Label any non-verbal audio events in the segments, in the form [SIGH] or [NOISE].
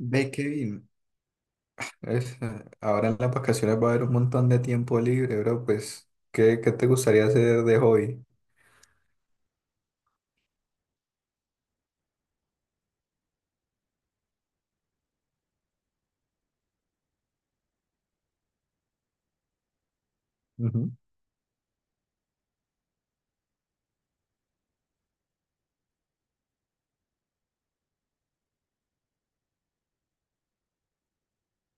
Ve que bien. Ahora en las vacaciones va a haber un montón de tiempo libre, bro. Pues, ¿qué te gustaría hacer de hobby? Ujú.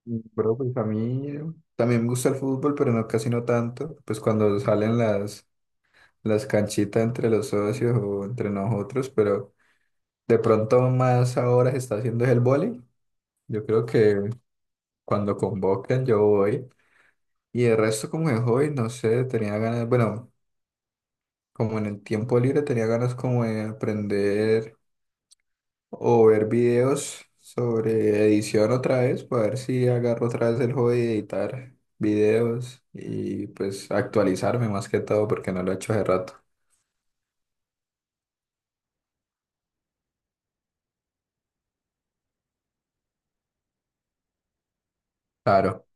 Bro, pues a mí también me gusta el fútbol, pero no casi no tanto. Pues cuando salen las canchitas entre los socios o entre nosotros, pero de pronto más ahora se está haciendo es el vóley. Yo creo que cuando convoquen yo voy. Y el resto como de hobby, no sé, tenía ganas, bueno, como en el tiempo libre tenía ganas como de aprender o ver videos sobre edición otra vez, para ver si agarro otra vez el hobby de editar videos y pues actualizarme más que todo porque no lo he hecho hace rato. Claro.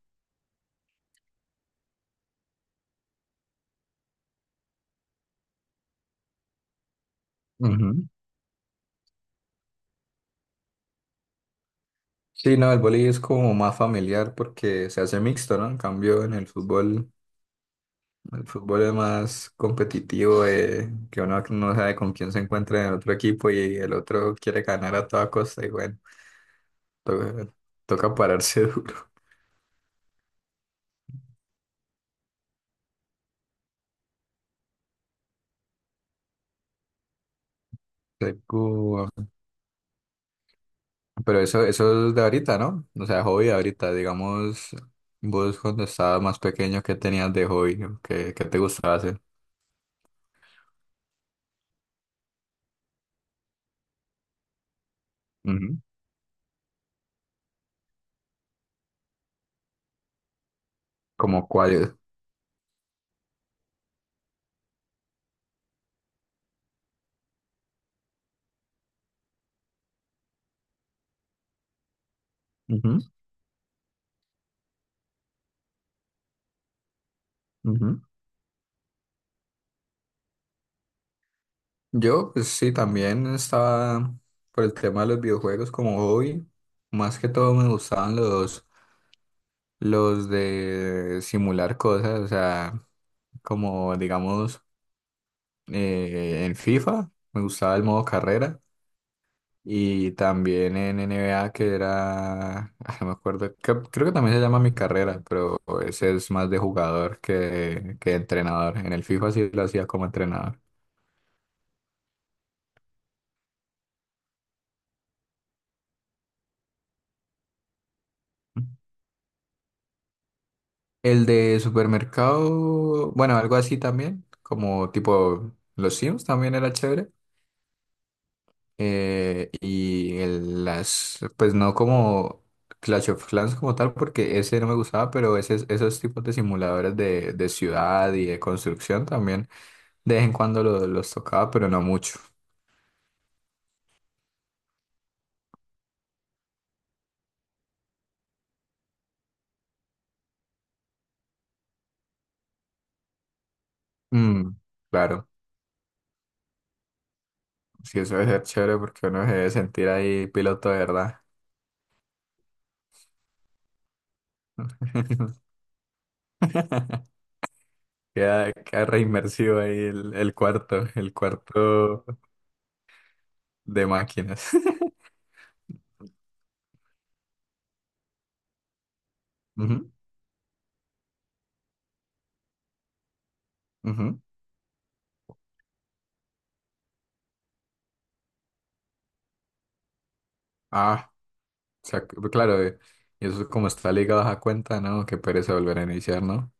Ujú. Sí, no, el boli es como más familiar porque se hace mixto, ¿no? En cambio, en el fútbol. El fútbol es más competitivo, que uno no sabe con quién se encuentra en el otro equipo y el otro quiere ganar a toda costa y bueno, to- toca pararse [LAUGHS] duro. Recu- Pero eso es de ahorita, ¿no? O sea, hobby de ahorita, digamos, vos cuando estabas más pequeño, ¿qué tenías de hobby? ¿Qué te gustaba hacer? Ujú. ¿Como cuál? Ujú, ujú. Yo, pues sí, también estaba por el tema de los videojuegos como hobby. Más que todo me gustaban los de simular cosas, o sea, como digamos en FIFA, me gustaba el modo carrera y también en NBA que era, [LAUGHS] ah, no me acuerdo, creo que también se llama mi carrera, pero ese es más de jugador que de entrenador. En el FIFA sí lo hacía como entrenador. El de supermercado, bueno, algo así también, como tipo los Sims también era chévere. Pues no como Clash of Clans como tal, porque ese no me gustaba, pero ese, esos tipos de simuladores de ciudad y de construcción también, de vez en cuando los tocaba, pero no mucho. Mm, claro, sí, eso debe ser chévere porque uno se debe sentir ahí piloto de verdad. [LAUGHS] Queda re inmersivo ahí el cuarto de máquinas. [LAUGHS] Ujú, ujú. Ah, pues, claro, y eso es como está ligado a esa cuenta, ¿no? Que pereza volver a iniciar, ¿no?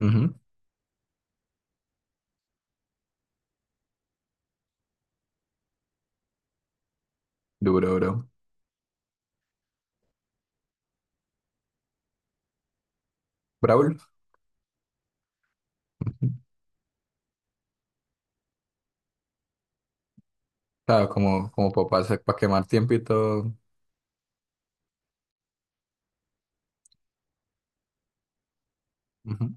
Ujú. Duro, duro. Brawl. [LAUGHS] Claro, como, como papá para quemar tiempo y todo. Ujú.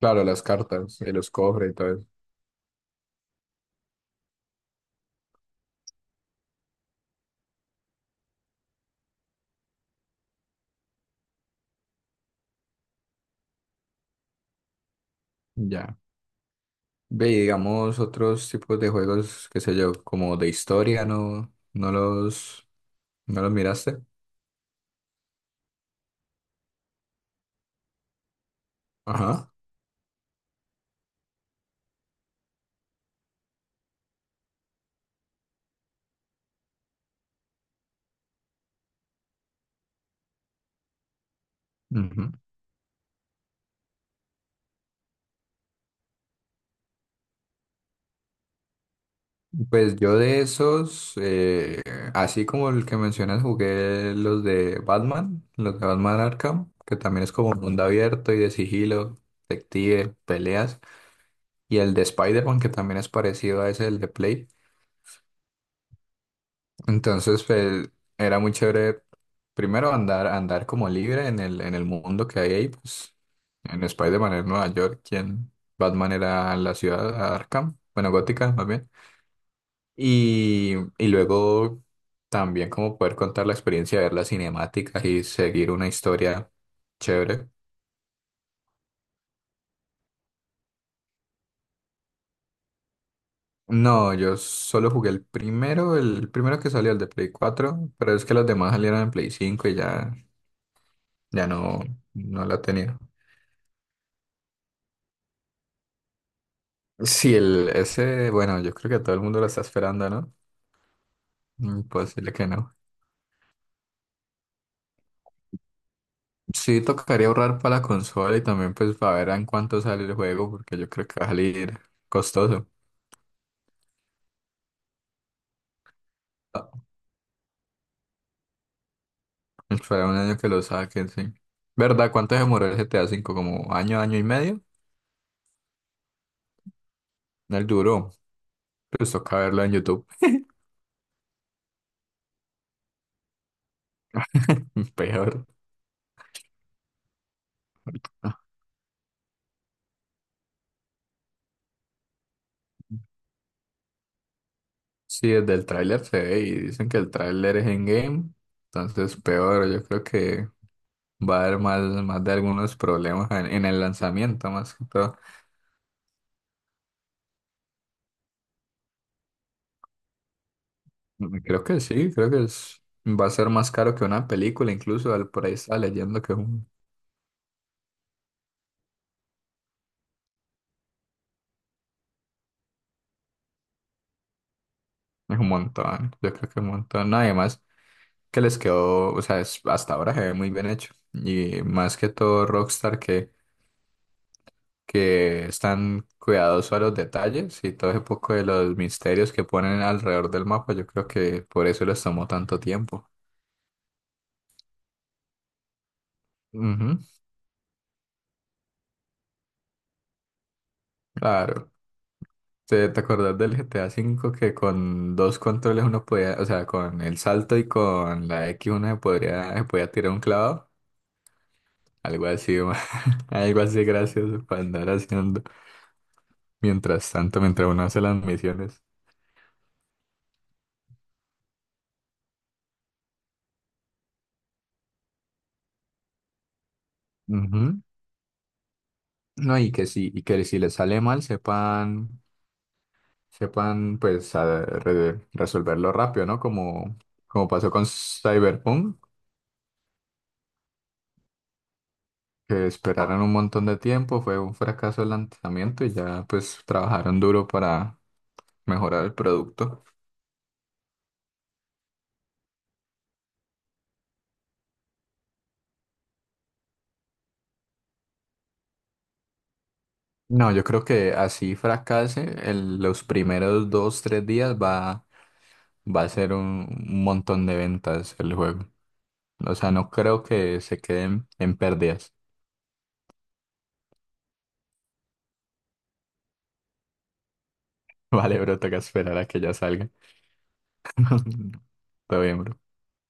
Claro, las cartas, y los cofres y todo eso. Ya. Ve, y digamos, otros tipos de juegos, qué sé yo, como de historia, ¿no? ¿No no los miraste? Ajá. Pues yo de esos, así como el que mencionas, jugué los de Batman Arkham, que también es como mundo abierto y de sigilo, detective, peleas, y el de Spider-Man, que también es parecido a ese, el de Play. Entonces, pues, era muy chévere, primero andar como libre en en el mundo que hay ahí, pues, en Spider-Man era Nueva York, y en Batman era la ciudad Arkham, bueno, Gótica, más bien. Y luego también como poder contar la experiencia de ver las cinemáticas y seguir una historia chévere. No, yo solo jugué el primero que salió, el de Play 4, pero es que los demás salieron en Play 5 y ya, ya no, no la tenía. Sí, el, ese, bueno, yo creo que todo el mundo lo está esperando, ¿no? Imposible que no. Sí, tocaría ahorrar para la consola y también pues para ver en cuánto sale el juego, porque yo creo que va a salir costoso. Esperar un año que lo saquen, sí. ¿Verdad? ¿Cuánto se demoró el GTA 5? ¿Como año, año y medio? Él duró. Pues toca verlo en YouTube. [LAUGHS] Peor. Sí, desde el tráiler se ve y dicen que el tráiler es en game. Entonces, peor. Yo creo que va a haber más de algunos problemas en el lanzamiento, más que todo. Creo que sí, creo que es, va a ser más caro que una película. Incluso por ahí está leyendo que es un montón. Yo creo que es un montón. Nada más. Que les quedó, o sea, hasta ahora se ve muy bien hecho. Y más que todo Rockstar que están cuidadosos a los detalles y todo ese poco de los misterios que ponen alrededor del mapa, yo creo que por eso les tomó tanto tiempo. Ujú, claro. ¿Te acordás del GTA 5 que con dos controles uno podía, o sea, con el salto y con la X uno se podría, se podía tirar un clavado? Algo así, [LAUGHS] algo así gracioso para andar haciendo mientras tanto, mientras uno hace las misiones. Ujú. No, y que sí, y que si les sale mal, sepan, sepan pues resolverlo rápido, ¿no? Como, como pasó con Cyberpunk, que esperaron un montón de tiempo, fue un fracaso el lanzamiento y ya pues trabajaron duro para mejorar el producto. No, yo creo que así fracase, los primeros dos, tres días va a ser un montón de ventas el juego. O sea, no creo que se queden en pérdidas. [LAUGHS] Vale, bro, toca esperar a que ya salga. [LAUGHS] Está bien, bro.